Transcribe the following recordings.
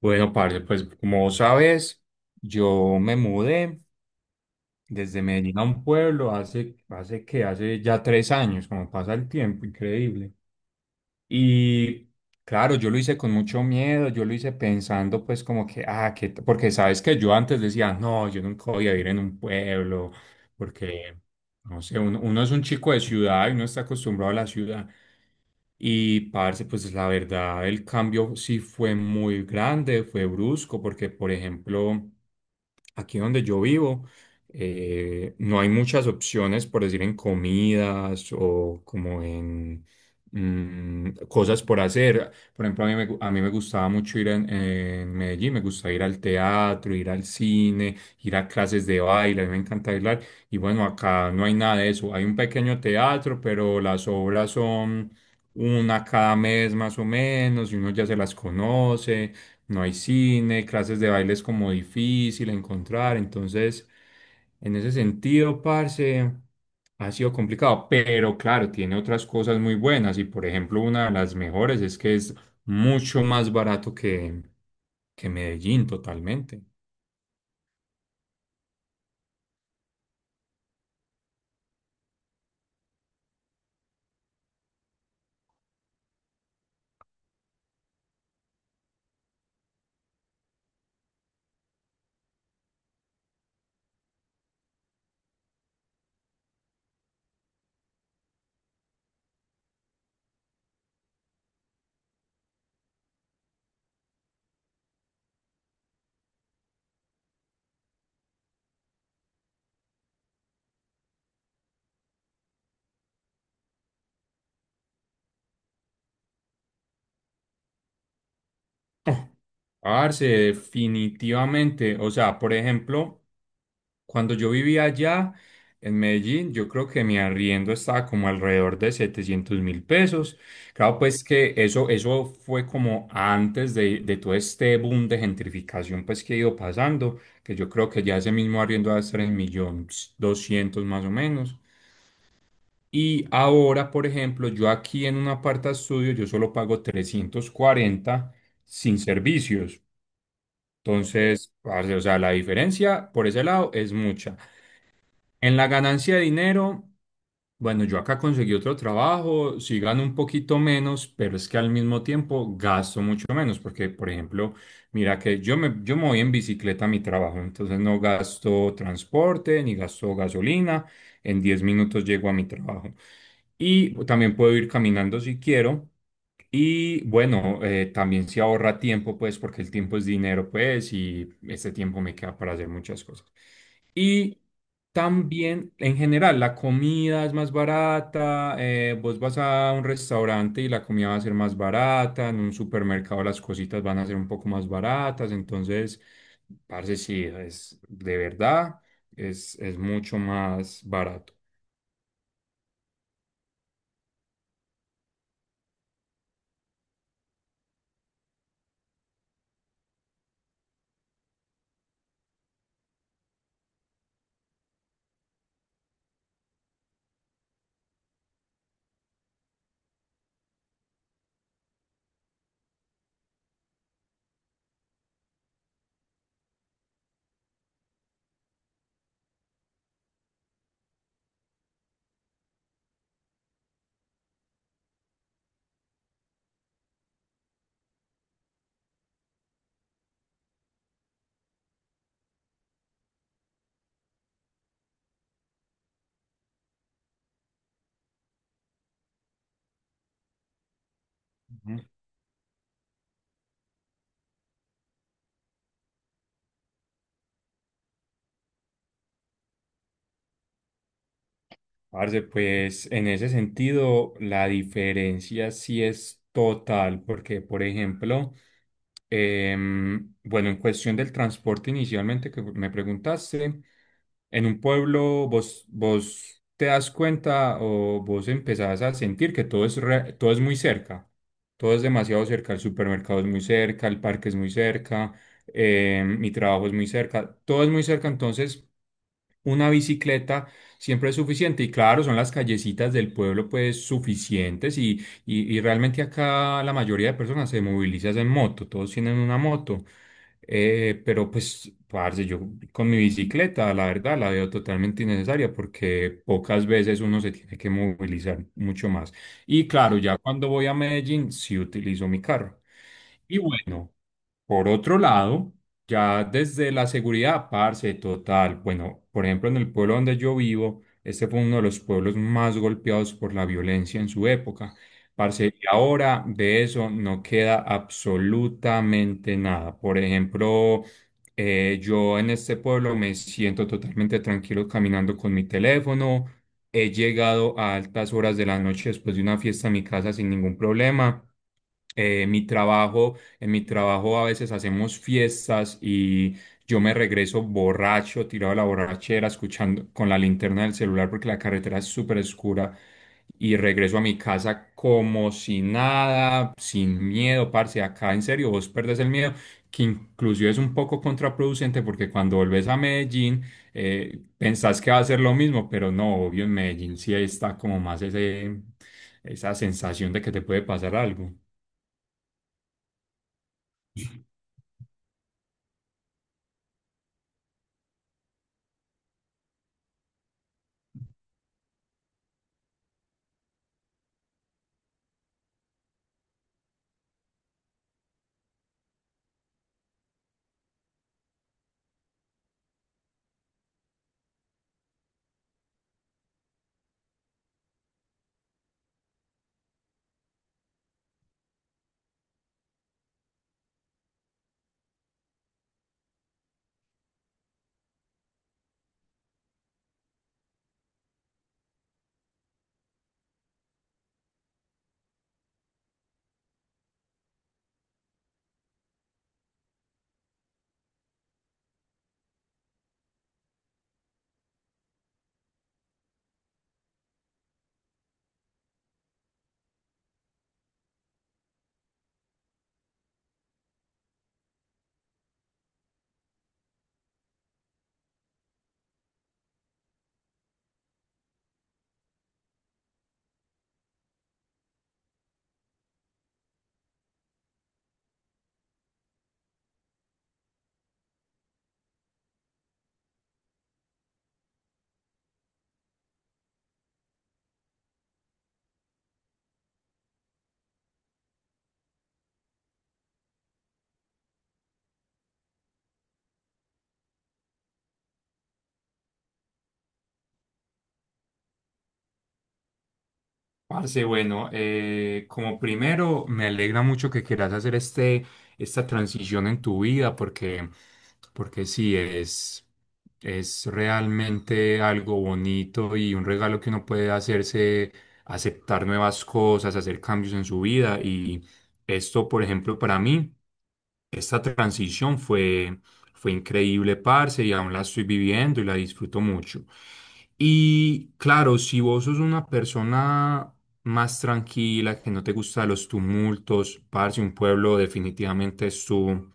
Bueno, parce, pues como vos sabes, yo me mudé desde Medellín a un pueblo hace ya 3 años, como pasa el tiempo, increíble. Y claro, yo lo hice con mucho miedo, yo lo hice pensando pues como que, porque sabes que yo antes decía, no, yo nunca voy a vivir en un pueblo, porque, no sé, uno es un chico de ciudad y uno está acostumbrado a la ciudad. Y parce, pues la verdad, el cambio sí fue muy grande, fue brusco, porque por ejemplo, aquí donde yo vivo, no hay muchas opciones, por decir, en comidas o como en cosas por hacer. Por ejemplo, a mí me gustaba mucho ir en Medellín, me gustaba ir al teatro, ir al cine, ir a clases de baile, a mí me encanta bailar. Y bueno, acá no hay nada de eso. Hay un pequeño teatro, pero las obras son una cada mes más o menos, y uno ya se las conoce. No hay cine, clases de baile es como difícil encontrar, entonces en ese sentido, parce, ha sido complicado, pero claro, tiene otras cosas muy buenas y por ejemplo una de las mejores es que es mucho más barato que Medellín totalmente. Parce, definitivamente, o sea, por ejemplo. Cuando yo vivía allá en Medellín, yo creo que mi arriendo estaba como alrededor de 700.000 pesos. Claro, pues que eso fue como antes de todo este boom de gentrificación pues que ha ido pasando, que yo creo que ya ese mismo arriendo va a estar en millones doscientos más o menos. Y ahora, por ejemplo, yo aquí en un aparta estudio, yo solo pago 340 sin servicios. Entonces, parce, o sea, la diferencia por ese lado es mucha. En la ganancia de dinero, bueno, yo acá conseguí otro trabajo, sí gano un poquito menos, pero es que al mismo tiempo gasto mucho menos, porque, por ejemplo, mira que yo me voy en bicicleta a mi trabajo, entonces no gasto transporte ni gasto gasolina, en 10 minutos llego a mi trabajo. Y también puedo ir caminando si quiero. Y bueno, también se ahorra tiempo, pues, porque el tiempo es dinero, pues, y este tiempo me queda para hacer muchas cosas. Y también, en general, la comida es más barata. Vos vas a un restaurante y la comida va a ser más barata. En un supermercado las cositas van a ser un poco más baratas. Entonces, parce, sí, es de verdad, es mucho más barato. Parce, pues en ese sentido la diferencia sí es total, porque por ejemplo, bueno, en cuestión del transporte inicialmente que me preguntaste, en un pueblo vos te das cuenta o vos empezás a sentir que todo es muy cerca, todo es demasiado cerca, el supermercado es muy cerca, el parque es muy cerca, mi trabajo es muy cerca, todo es muy cerca, entonces una bicicleta siempre es suficiente y claro, son las callecitas del pueblo pues suficientes y realmente acá la mayoría de personas se movilizan en moto, todos tienen una moto. Pero pues parce, yo con mi bicicleta la verdad la veo totalmente innecesaria porque pocas veces uno se tiene que movilizar mucho más. Y claro, ya cuando voy a Medellín sí utilizo mi carro. Y bueno, por otro lado. Ya desde la seguridad, parce, total. Bueno, por ejemplo, en el pueblo donde yo vivo, este fue uno de los pueblos más golpeados por la violencia en su época. Parce, y ahora de eso no queda absolutamente nada. Por ejemplo, yo en este pueblo me siento totalmente tranquilo caminando con mi teléfono. He llegado a altas horas de la noche después de una fiesta a mi casa sin ningún problema. Mi trabajo en mi trabajo a veces hacemos fiestas y yo me regreso borracho, tirado a la borrachera, escuchando con la linterna del celular porque la carretera es súper oscura y regreso a mi casa como si nada, sin miedo, parce. Acá en serio, vos perdés el miedo, que inclusive es un poco contraproducente porque cuando volvés a Medellín pensás que va a ser lo mismo, pero no, obvio en Medellín sí está como más ese, esa sensación de que te puede pasar algo. Parce, bueno, como primero, me alegra mucho que quieras hacer esta transición en tu vida porque sí, es realmente algo bonito y un regalo que uno puede hacerse, aceptar nuevas cosas, hacer cambios en su vida. Y esto, por ejemplo, para mí, esta transición fue increíble, parce, y aún la estoy viviendo y la disfruto mucho. Y claro, si vos sos una persona más tranquila, que no te gusta los tumultos, parce, un pueblo definitivamente es su,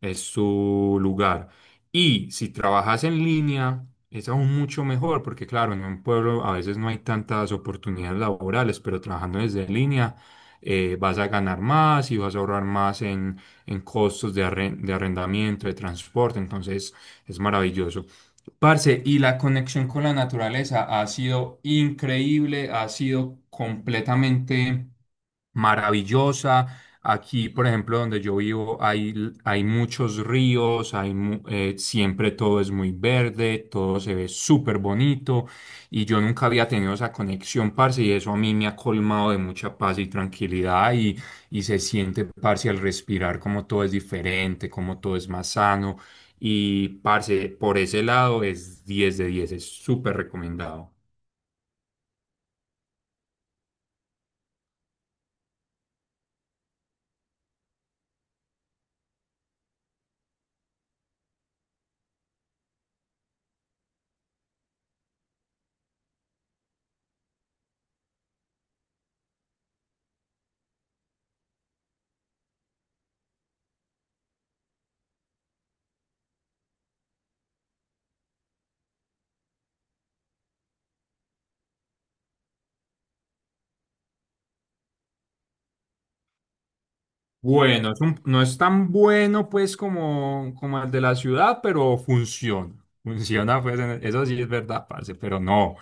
es su lugar. Y si trabajas en línea, es aún mucho mejor, porque claro, en un pueblo a veces no hay tantas oportunidades laborales, pero trabajando desde línea vas a ganar más y vas a ahorrar más en costos de arrendamiento, de transporte, entonces es maravilloso. Parce, y la conexión con la naturaleza ha sido increíble, ha sido completamente maravillosa. Aquí, por ejemplo, donde yo vivo, hay muchos ríos, siempre todo es muy verde, todo se ve súper bonito y yo nunca había tenido esa conexión, parce, y eso a mí me ha colmado de mucha paz y tranquilidad y se siente, parce, al respirar como todo es diferente, como todo es más sano y parce, por ese lado es 10 de 10, es súper recomendado. Bueno, no es tan bueno pues como el de la ciudad, pero funciona. Funciona, pues eso sí es verdad, parce, pero no,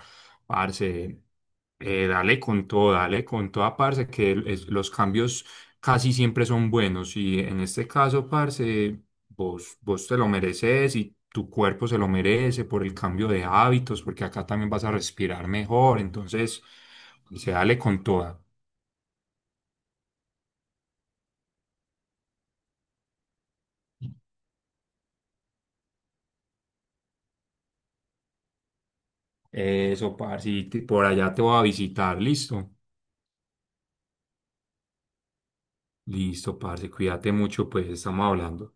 parce, dale con todo, dale con toda, parce, que los cambios casi siempre son buenos y en este caso, parce, vos te lo mereces y tu cuerpo se lo merece por el cambio de hábitos, porque acá también vas a respirar mejor, entonces, pues, se dale con toda. Eso, parce, y por allá te voy a visitar, listo. Listo, parce, cuídate mucho, pues estamos hablando.